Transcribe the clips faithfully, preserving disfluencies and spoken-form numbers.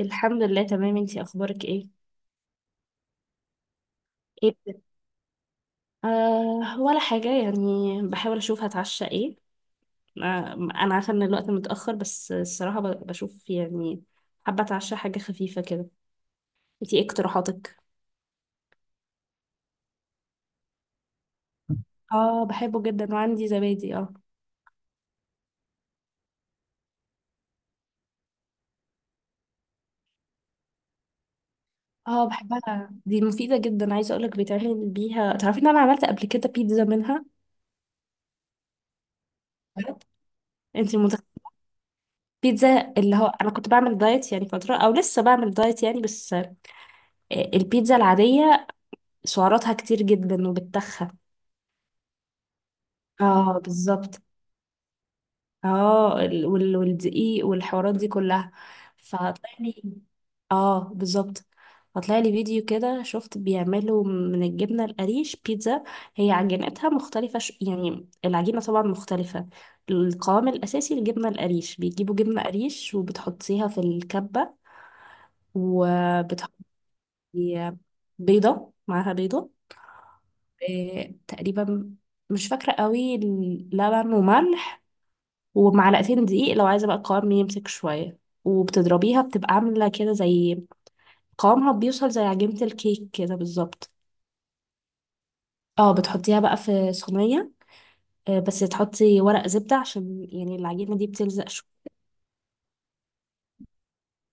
الحمد لله تمام، انتي اخبارك ايه؟ ايه بت- آه ولا حاجه يعني، بحاول اشوف هتعشى ايه. آه انا عارفه ان الوقت متاخر، بس الصراحه ب- بشوف يعني. حابه اتعشى حاجه خفيفه كده. انتي ايه اقتراحاتك؟ اه بحبه جدا، وعندي زبادي اه. اه بحبها، دي مفيده جدا. عايزه اقولك بيتعمل بيها، تعرفي ان انا عملت قبل كده بيتزا منها. بجد؟ انتي متخيله؟ بيتزا. اللي هو انا كنت بعمل دايت يعني فتره، او لسه بعمل دايت يعني، بس آه، البيتزا العاديه سعراتها كتير جدا وبتخن. اه بالظبط. اه ال- وال- والدقيق والحوارات دي كلها. فطلع لي اه بالظبط. فطلع لي فيديو كده، شفت بيعملوا من الجبنة القريش بيتزا. هي عجينتها مختلفة، ش... يعني العجينة طبعا مختلفة. القوام الأساسي الجبنة القريش، بيجيبوا جبنة قريش وبتحطيها في الكبة وبتحطي بيضة، معاها بيضة آه، تقريبا، مش فاكرة قوي، لبن وملح ومعلقتين دقيق لو عايزة بقى القوام يمسك شوية. وبتضربيها بتبقى عاملة كده زي، قوامها بيوصل زي عجينة الكيك كده بالظبط. اه بتحطيها بقى في صينية، آه، بس تحطي ورق زبدة عشان يعني العجينة دي بتلزق شوية.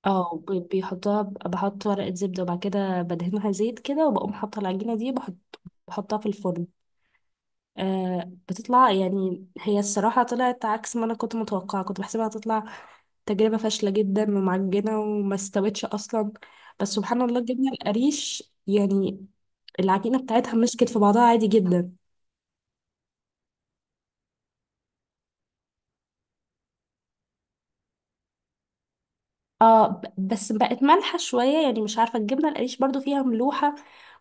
اه بي- بيحطوها، بحط ورقة زبدة، وبعد كده بدهنها زيت كده، وبقوم حاطة العجينة دي، بحط بحطها في الفرن. آه بتطلع يعني، هي الصراحة طلعت عكس ما أنا كنت متوقعة. كنت بحسبها هتطلع تجربة فاشلة جدا ومعجنة وما استوتش أصلا، بس سبحان الله جبنا القريش يعني العجينة بتاعتها مسكت في بعضها عادي جدا. اه ب- بس بقت مالحة شوية، يعني مش عارفة، الجبنة القريش برضو فيها ملوحة،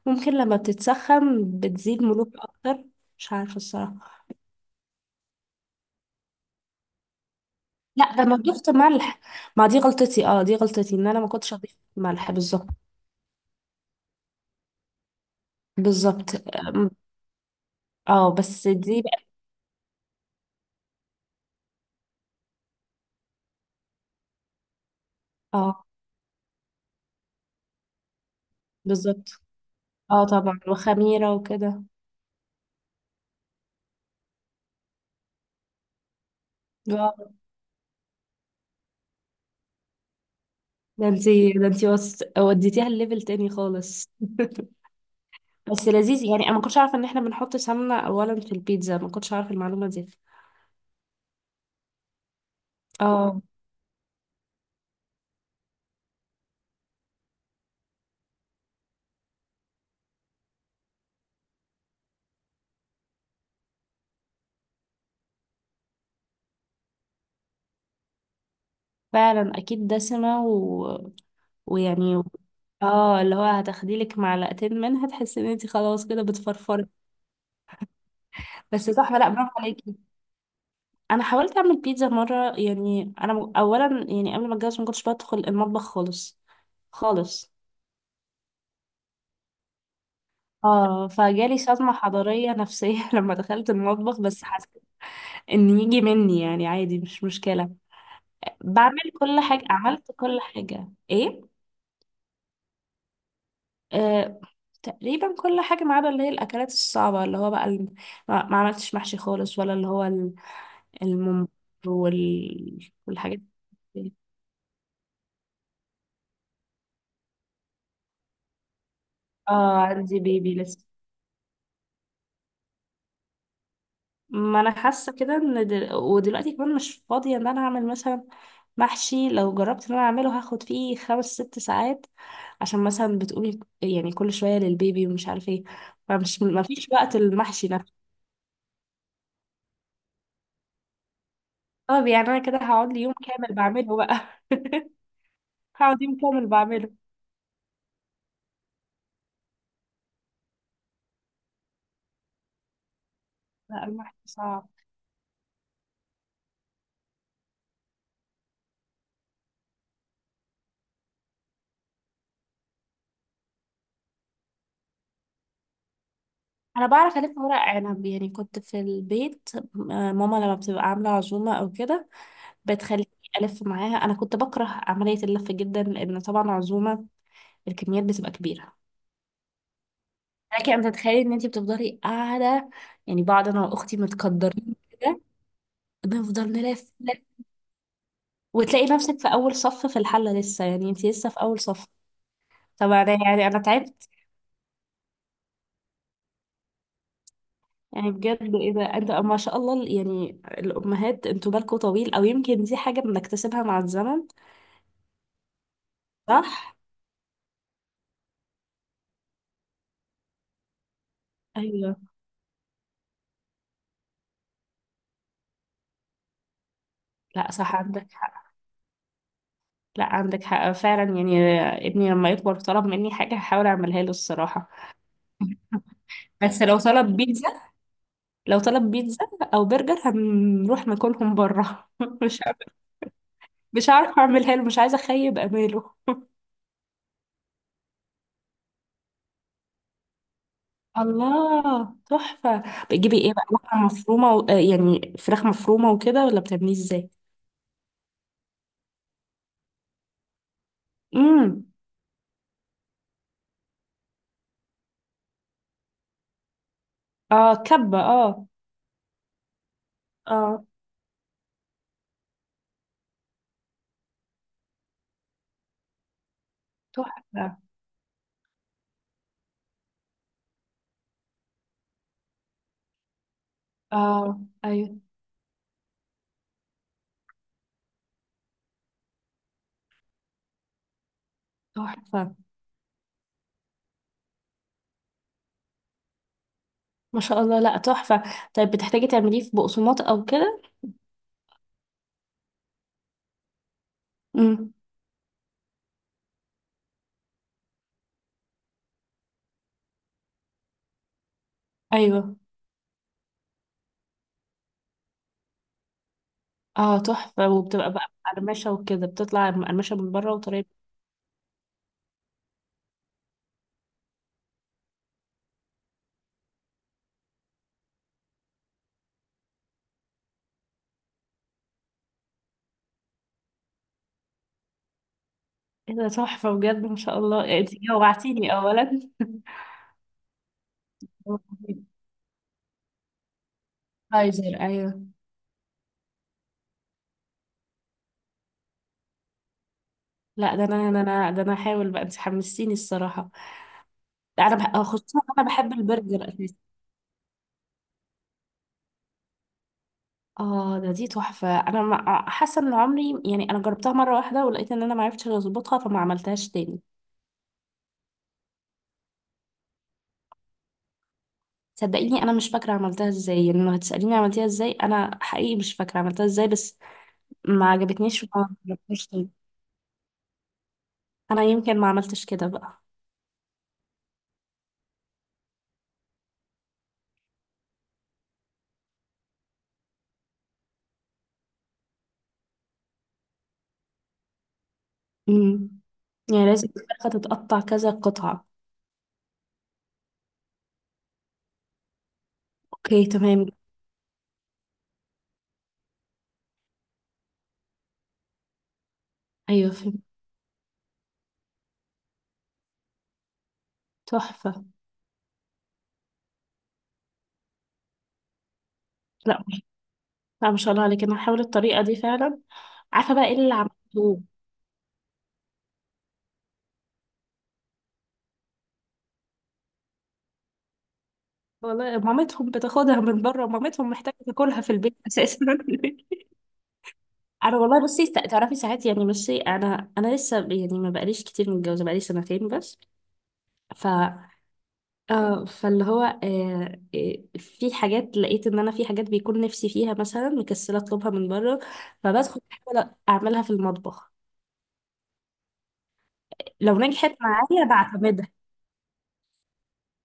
ممكن لما بتتسخن بتزيد ملوحة أكتر. مش عارفة الصراحة. لا ده أنا ضفت ملح. ما دي غلطتي، اه دي غلطتي إن أنا ما كنتش أضيف ملح بالظبط. بالظبط. اه بس دي بقى. اه بالظبط. اه طبعا، وخميرة وكده. اه ده انتي ده انتي وص... وديتيها الليفل تاني خالص. بس لذيذ، يعني انا ما كنتش عارفه ان احنا بنحط سمنه اولا في البيتزا، ما كنتش عارفه المعلومه دي. اه فعلا، اكيد دسمه و... ويعني، اه اللي هو هتاخدي لك معلقتين منها تحسي ان انتي خلاص كده بتفرفري. بس صح، لا برافو عليكي. انا حاولت اعمل بيتزا مره، يعني انا م- اولا يعني قبل ما اتجوز ما كنتش بدخل المطبخ خالص، خالص. اه فجالي صدمة حضارية نفسية لما دخلت المطبخ، بس ان يجي مني يعني عادي مش مشكلة. بعمل كل حاجة، عملت كل حاجة ايه. آه تقريبا كل حاجة ما عدا اللي هي الأكلات الصعبة، اللي هو بقى الم... ما ما عملتش محشي خالص، ولا اللي هو ال- الممبار وال... والحاجات دي. اه عندي بيبي لسه. ما انا حاسه كده ان دل... ودلوقتي كمان مش فاضيه ان انا اعمل مثلا محشي. لو جربت ان انا اعمله هاخد فيه خمس ست ساعات، عشان مثلا بتقولي يعني كل شويه للبيبي ومش عارفه ايه، فمش، ما فيش وقت المحشي نفسه. طب يعني انا كده هقعد لي يوم كامل بعمله بقى. هقعد يوم كامل بعمله. لا المحشي صعب. انا بعرف الف ورق عنب، يعني كنت في البيت آه، ماما لما بتبقى عامله عزومه او كده بتخليني الف معاها. انا كنت بكره عمليه اللف جدا، لان طبعا عزومه الكميات بتبقى كبيرة. لكن انت تتخيلي ان انت بتفضلي قاعدة، يعني بعض انا واختي متقدرين كده بنفضل نلف نلف وتلاقي نفسك في اول صف في الحلة لسه، يعني انت لسه في اول صف. طبعا أنا- يعني انا تعبت. يعني بجد اذا انت ما شاء الله، يعني الامهات انتوا بالكوا طويل، او يمكن دي حاجة بنكتسبها مع الزمن. صح. ايوه. لا صح عندك حق، لا عندك حق فعلا يعني. ابني لما يكبر طلب مني حاجة هحاول اعملها له الصراحة. بس لو طلب بيتزا، لو طلب بيتزا او برجر هنروح ناكلهم بره. مش عارفة- مش عارفه اعملها له، مش عايزه اخيب اماله. الله تحفه. بتجيبي ايه بقى، لحمه مفرومه و... آه، يعني فراخ مفرومه وكده، ولا بتعمليه ازاي؟ امم. اه كبه اه. اه. تحفه. اه ايوه. تحفه. ما شاء الله، لا تحفه. طيب بتحتاجي تعمليه في بقسماط او كده؟ امم. ايوه. اه تحفه، وبتبقى بقى مقرمشه وكده، بتطلع مقرمشه من بره وطريه. ايه ده، تحفة بجد، ما شاء الله، انت جوعتيني اولا. فايزر ايوه. لا ده انا ده انا ده انا هحاول بقى، انت حمستيني الصراحة. لا انا بح... خصوصا انا بحب البرجر اساسا. اه ده، دي تحفة. انا ما- حاسة ان عمري، يعني انا جربتها مرة واحدة، ولقيت ان انا ما عرفتش اظبطها، فما عملتهاش تاني. صدقيني انا مش فاكرة عملتها ازاي، يعني لو هتسأليني عملتها ازاي انا حقيقي مش فاكرة عملتها ازاي، بس ما عجبتنيش وما جربتهاش تاني. انا يمكن ما عملتش كده بقى. امم. يعني لازم الفرخة تتقطع كذا قطعة؟ اوكي تمام. ايوه فهمت. تحفة. لا لا ما شاء الله عليك، انا هحاول الطريقة دي فعلا. عارفة بقى ايه اللي عملته. والله مامتهم بتاخدها من بره، مامتهم محتاجة تاكلها في البيت اساسا. انا والله بصي، تع- تعرفي ساعات يعني، بصي انا انا لسه يعني ما بقاليش كتير متجوزة، بقالي سنتين بس. اه فاللي هو، آه آه، في حاجات لقيت ان انا، في حاجات بيكون نفسي فيها مثلا مكسله اطلبها من بره، فبدخل احاول اعملها في المطبخ. لو نجحت معايا بعتمدها.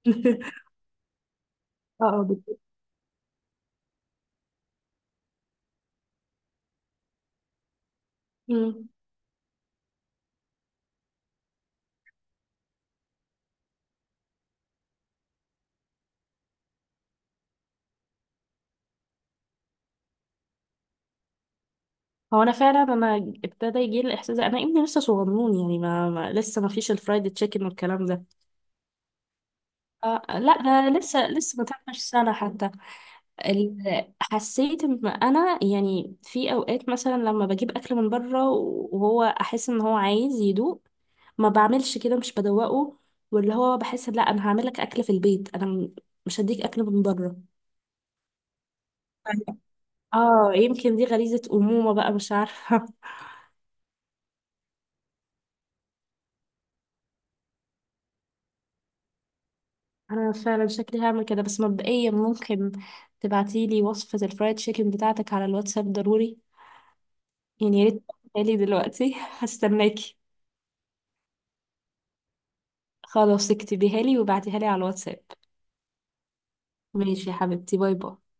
اه آه، بت- مم. هو انا فعلا انا ابتدى يجي لي الاحساس ده. انا ابني لسه صغنون، يعني ما, ما لسه ما فيش الفرايد تشيكن والكلام ده. آه آه، لا ده لسه، لسه ما تعملش سنه حتى. ال- حسيت ان انا يعني في اوقات مثلا لما بجيب اكل من بره وهو احس ان هو عايز يدوق، ما بعملش كده، مش بدوقه. واللي هو بحس لا انا هعمل لك اكل في البيت، انا م- مش هديك اكل من بره. أيوة. اه يمكن دي غريزة أمومة بقى، مش عارفة. أنا فعلا شكلي هعمل كده، بس مبدئيا ممكن تبعتيلي وصفة الفرايد تشيكن بتاعتك على الواتساب ضروري، يعني يا ريت تبعتيها لي دلوقتي. هستناكي. خلاص اكتبيها لي وبعتيها لي على الواتساب. ماشي يا حبيبتي، باي باي.